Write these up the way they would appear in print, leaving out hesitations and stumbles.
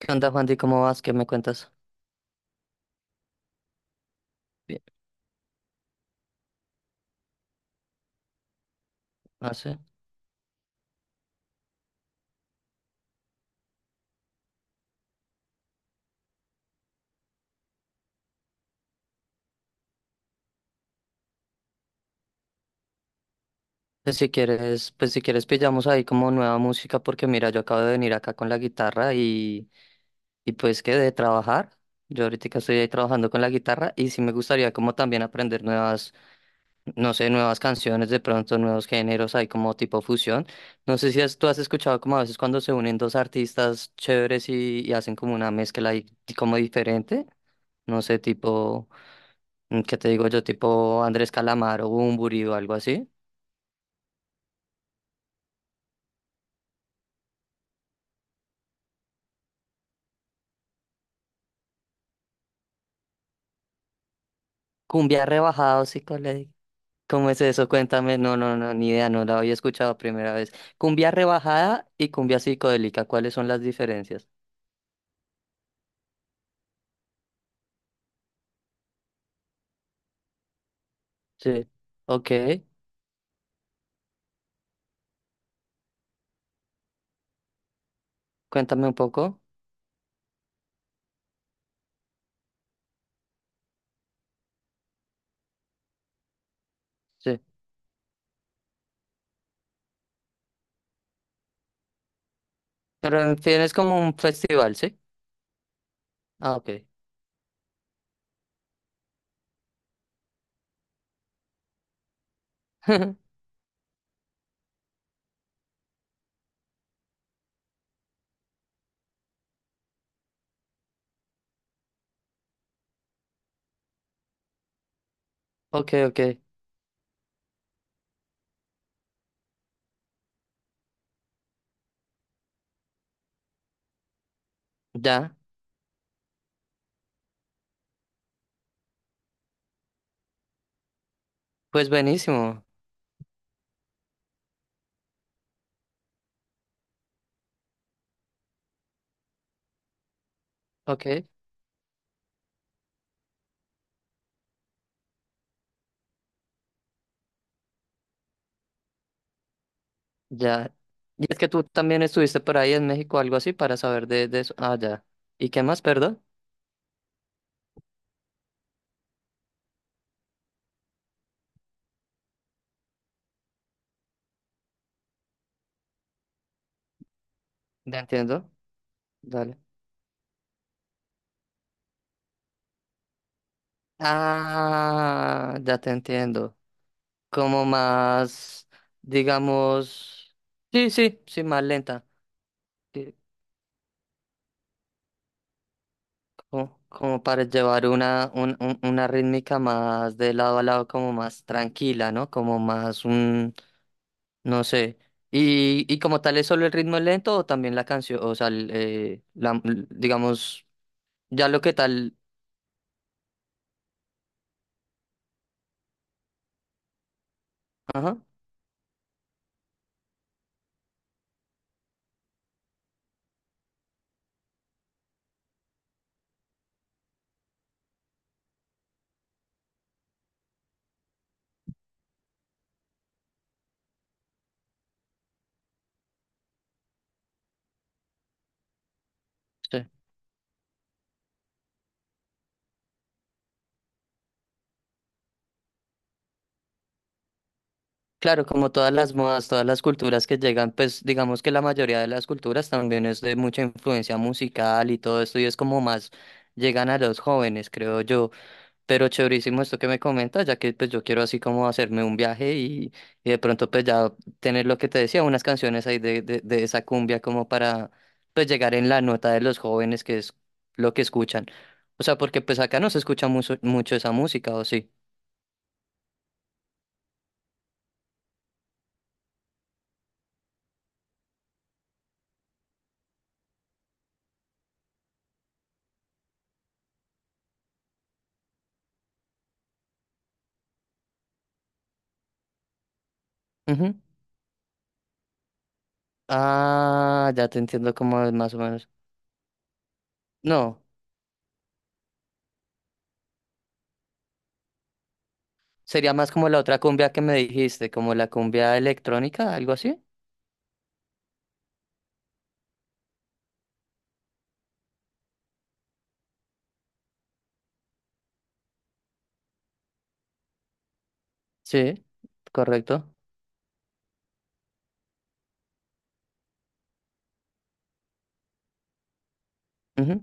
¿Qué onda, Juan? ¿Y cómo vas? ¿Qué me cuentas? Bien. Ah, sí. Pues si quieres pillamos ahí como nueva música, porque mira, yo acabo de venir acá con la guitarra y pues que de trabajar. Yo ahorita estoy ahí trabajando con la guitarra y sí me gustaría como también aprender nuevas, no sé, nuevas canciones, de pronto nuevos géneros, ahí como tipo fusión. No sé si tú has escuchado como a veces cuando se unen dos artistas chéveres y hacen como una mezcla ahí como diferente, no sé, tipo... ¿Qué te digo yo? Tipo Andrés Calamaro, Bunbury o algo así. Cumbia rebajado, psicológico. ¿Cómo es eso? Cuéntame. No, no, no, ni idea, no la había escuchado primera vez. Cumbia rebajada y cumbia psicodélica, ¿cuáles son las diferencias? Sí. Ok, cuéntame un poco. Sí. Pero en fin, es como un festival, ¿sí? Ah, ok. Ok, ok. Ya. Pues buenísimo. Ok, ya. Y es que tú también estuviste por ahí en México, algo así, para saber de eso. Ah, ya. ¿Y qué más, perdón? Ya entiendo. Dale. Ah, ya te entiendo. Como más, digamos, sí, sí, sí, más lenta. Sí, como, como para llevar una, una rítmica más de lado a lado, como más tranquila, ¿no? Como más un, no sé. Y como tal es solo el ritmo lento o también la canción, o sea, el, la, digamos, ya lo que tal. Ajá. Sí. Claro, como todas las modas, todas las culturas que llegan, pues digamos que la mayoría de las culturas también es de mucha influencia musical y todo esto, y es como más llegan a los jóvenes, creo yo. Pero chéverísimo esto que me comentas, ya que pues yo quiero así como hacerme un viaje y de pronto pues ya tener lo que te decía, unas canciones ahí de esa cumbia como para pues llegar en la nota de los jóvenes, que es lo que escuchan. O sea, porque pues acá no se escucha mucho, mucho esa música, ¿o sí? Ujú. Ah, ya te entiendo cómo es más o menos. No, sería más como la otra cumbia que me dijiste, como la cumbia electrónica, algo así. Sí, correcto. Ujú.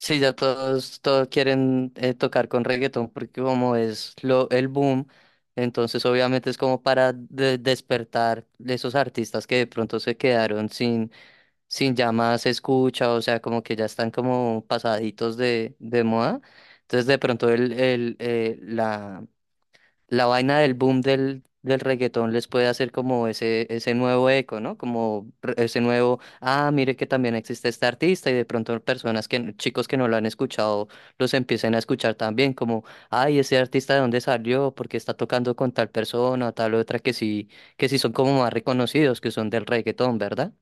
Sí, ya todos, todos quieren tocar con reggaetón porque como es lo, el boom, entonces obviamente es como para despertar de esos artistas que de pronto se quedaron sin, sin ya más escucha, o sea, como que ya están como pasaditos de moda. Entonces de pronto la la vaina del boom del, del reggaetón les puede hacer como ese nuevo eco, ¿no? Como ese nuevo, ah, mire que también existe este artista y de pronto personas que, chicos que no lo han escuchado, los empiecen a escuchar también, como, ay, ese artista de dónde salió, porque está tocando con tal persona, tal otra, que sí son como más reconocidos, que son del reggaetón, ¿verdad?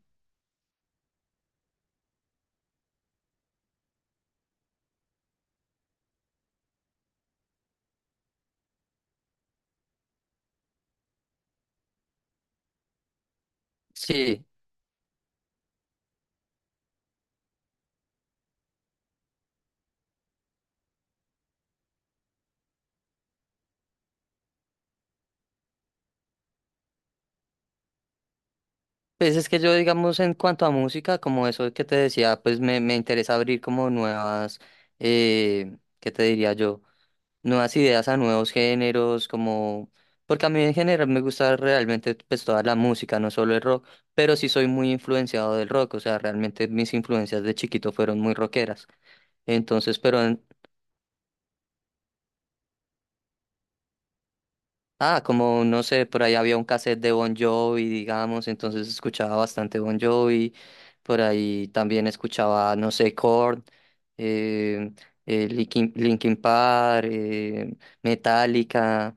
Sí, pues es que yo digamos en cuanto a música, como eso que te decía, pues me interesa abrir como nuevas, ¿qué te diría yo? Nuevas ideas a nuevos géneros, como, porque a mí en general me gusta realmente pues toda la música, no solo el rock, pero sí soy muy influenciado del rock, o sea, realmente mis influencias de chiquito fueron muy rockeras. Entonces, pero, ah, como, no sé, por ahí había un cassette de Bon Jovi, digamos, entonces escuchaba bastante Bon Jovi, por ahí también escuchaba, no sé, Korn, eh, Linkin Park, Metallica,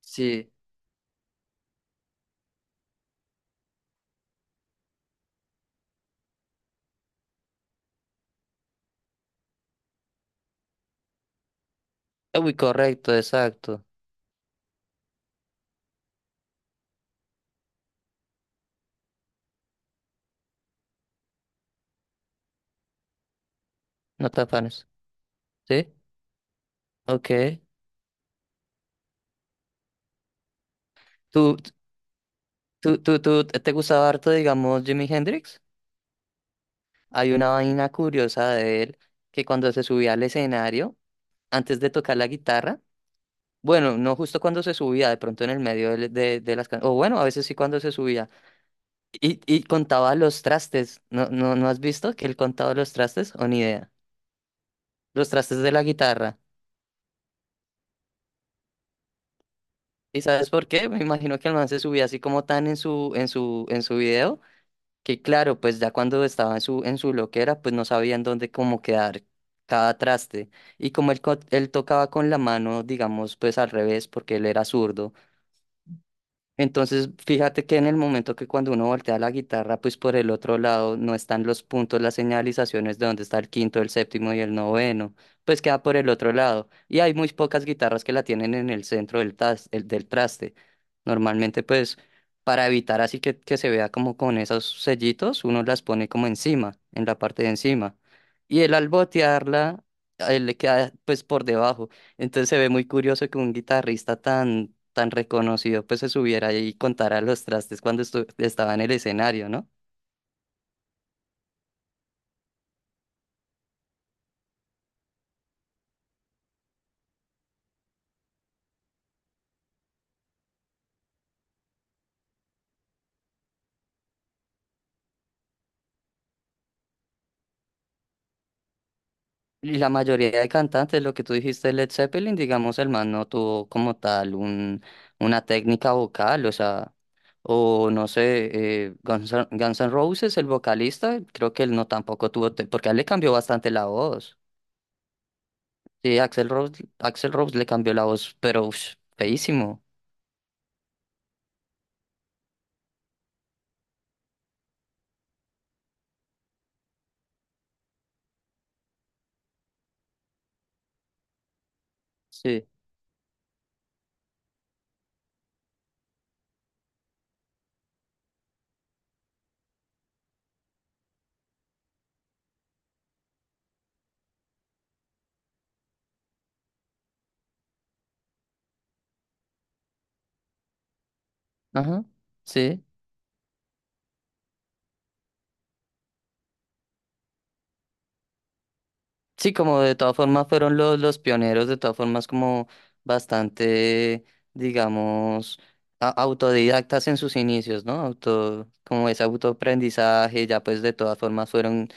sí, uy, correcto, exacto. No tan fanes. ¿Sí? Ok. ¿Tú, tú te gustaba harto, digamos, Jimi Hendrix? Hay una vaina curiosa de él que cuando se subía al escenario, antes de tocar la guitarra, bueno, no justo cuando se subía, de pronto en el medio de las canciones, o bueno, a veces sí cuando se subía, y contaba los trastes. ¿No, no, no has visto que él contaba los trastes? O ni idea. Los trastes de la guitarra. ¿Y sabes por qué? Me imagino que el man se subía así como tan en su, en su, en su video. Que claro, pues ya cuando estaba en su loquera, pues no sabían dónde cómo quedar cada traste. Y como él, él tocaba con la mano, digamos, pues al revés, porque él era zurdo, entonces, fíjate que en el momento que cuando uno voltea la guitarra, pues por el otro lado no están los puntos, las señalizaciones de dónde está el quinto, el séptimo y el noveno, pues queda por el otro lado. Y hay muy pocas guitarras que la tienen en el centro del, del traste. Normalmente, pues para evitar así que se vea como con esos sellitos, uno las pone como encima, en la parte de encima. Y el al botearla, le queda pues por debajo. Entonces se ve muy curioso que un guitarrista tan, tan reconocido pues se subiera ahí y contara los trastes cuando estaba en el escenario, ¿no? Y la mayoría de cantantes, lo que tú dijiste, Led Zeppelin, digamos, el man no tuvo como tal un, una técnica vocal, o sea, o no sé, Guns N' Roses, el vocalista, creo que él no tampoco tuvo, porque a él le cambió bastante la voz. Sí, Axel Rose, Axl Rose le cambió la voz, pero ush, feísimo. Sí. Ajá. Sí. Sí, como de todas formas fueron los pioneros, de todas formas como bastante, digamos, autodidactas en sus inicios, ¿no? Auto, como ese autoaprendizaje, ya pues de todas formas fueron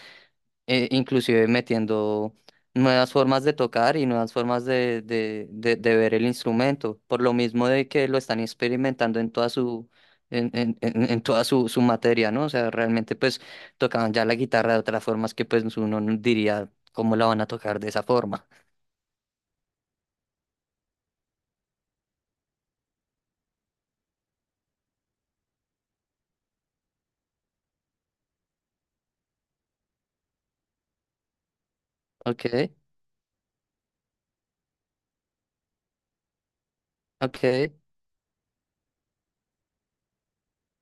inclusive metiendo nuevas formas de tocar y nuevas formas de ver el instrumento, por lo mismo de que lo están experimentando en toda su, en toda su, su materia, ¿no? O sea, realmente pues tocaban ya la guitarra de otras formas que pues uno no diría cómo la van a tocar de esa forma. Ok, ok,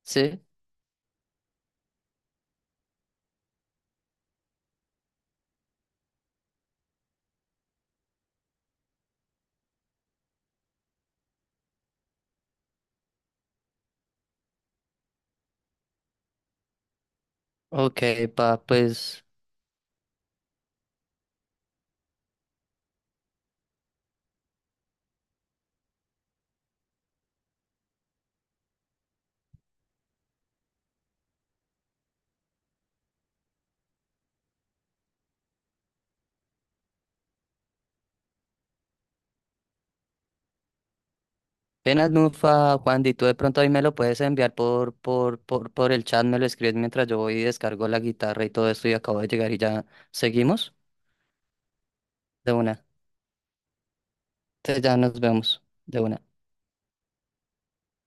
sí, ok, pa, pues... Apenas Nufa, Juan, y tú de pronto ahí me lo puedes enviar por el chat, me lo escribes mientras yo voy y descargo la guitarra y todo esto y acabo de llegar y ya seguimos de una. Entonces ya nos vemos de una.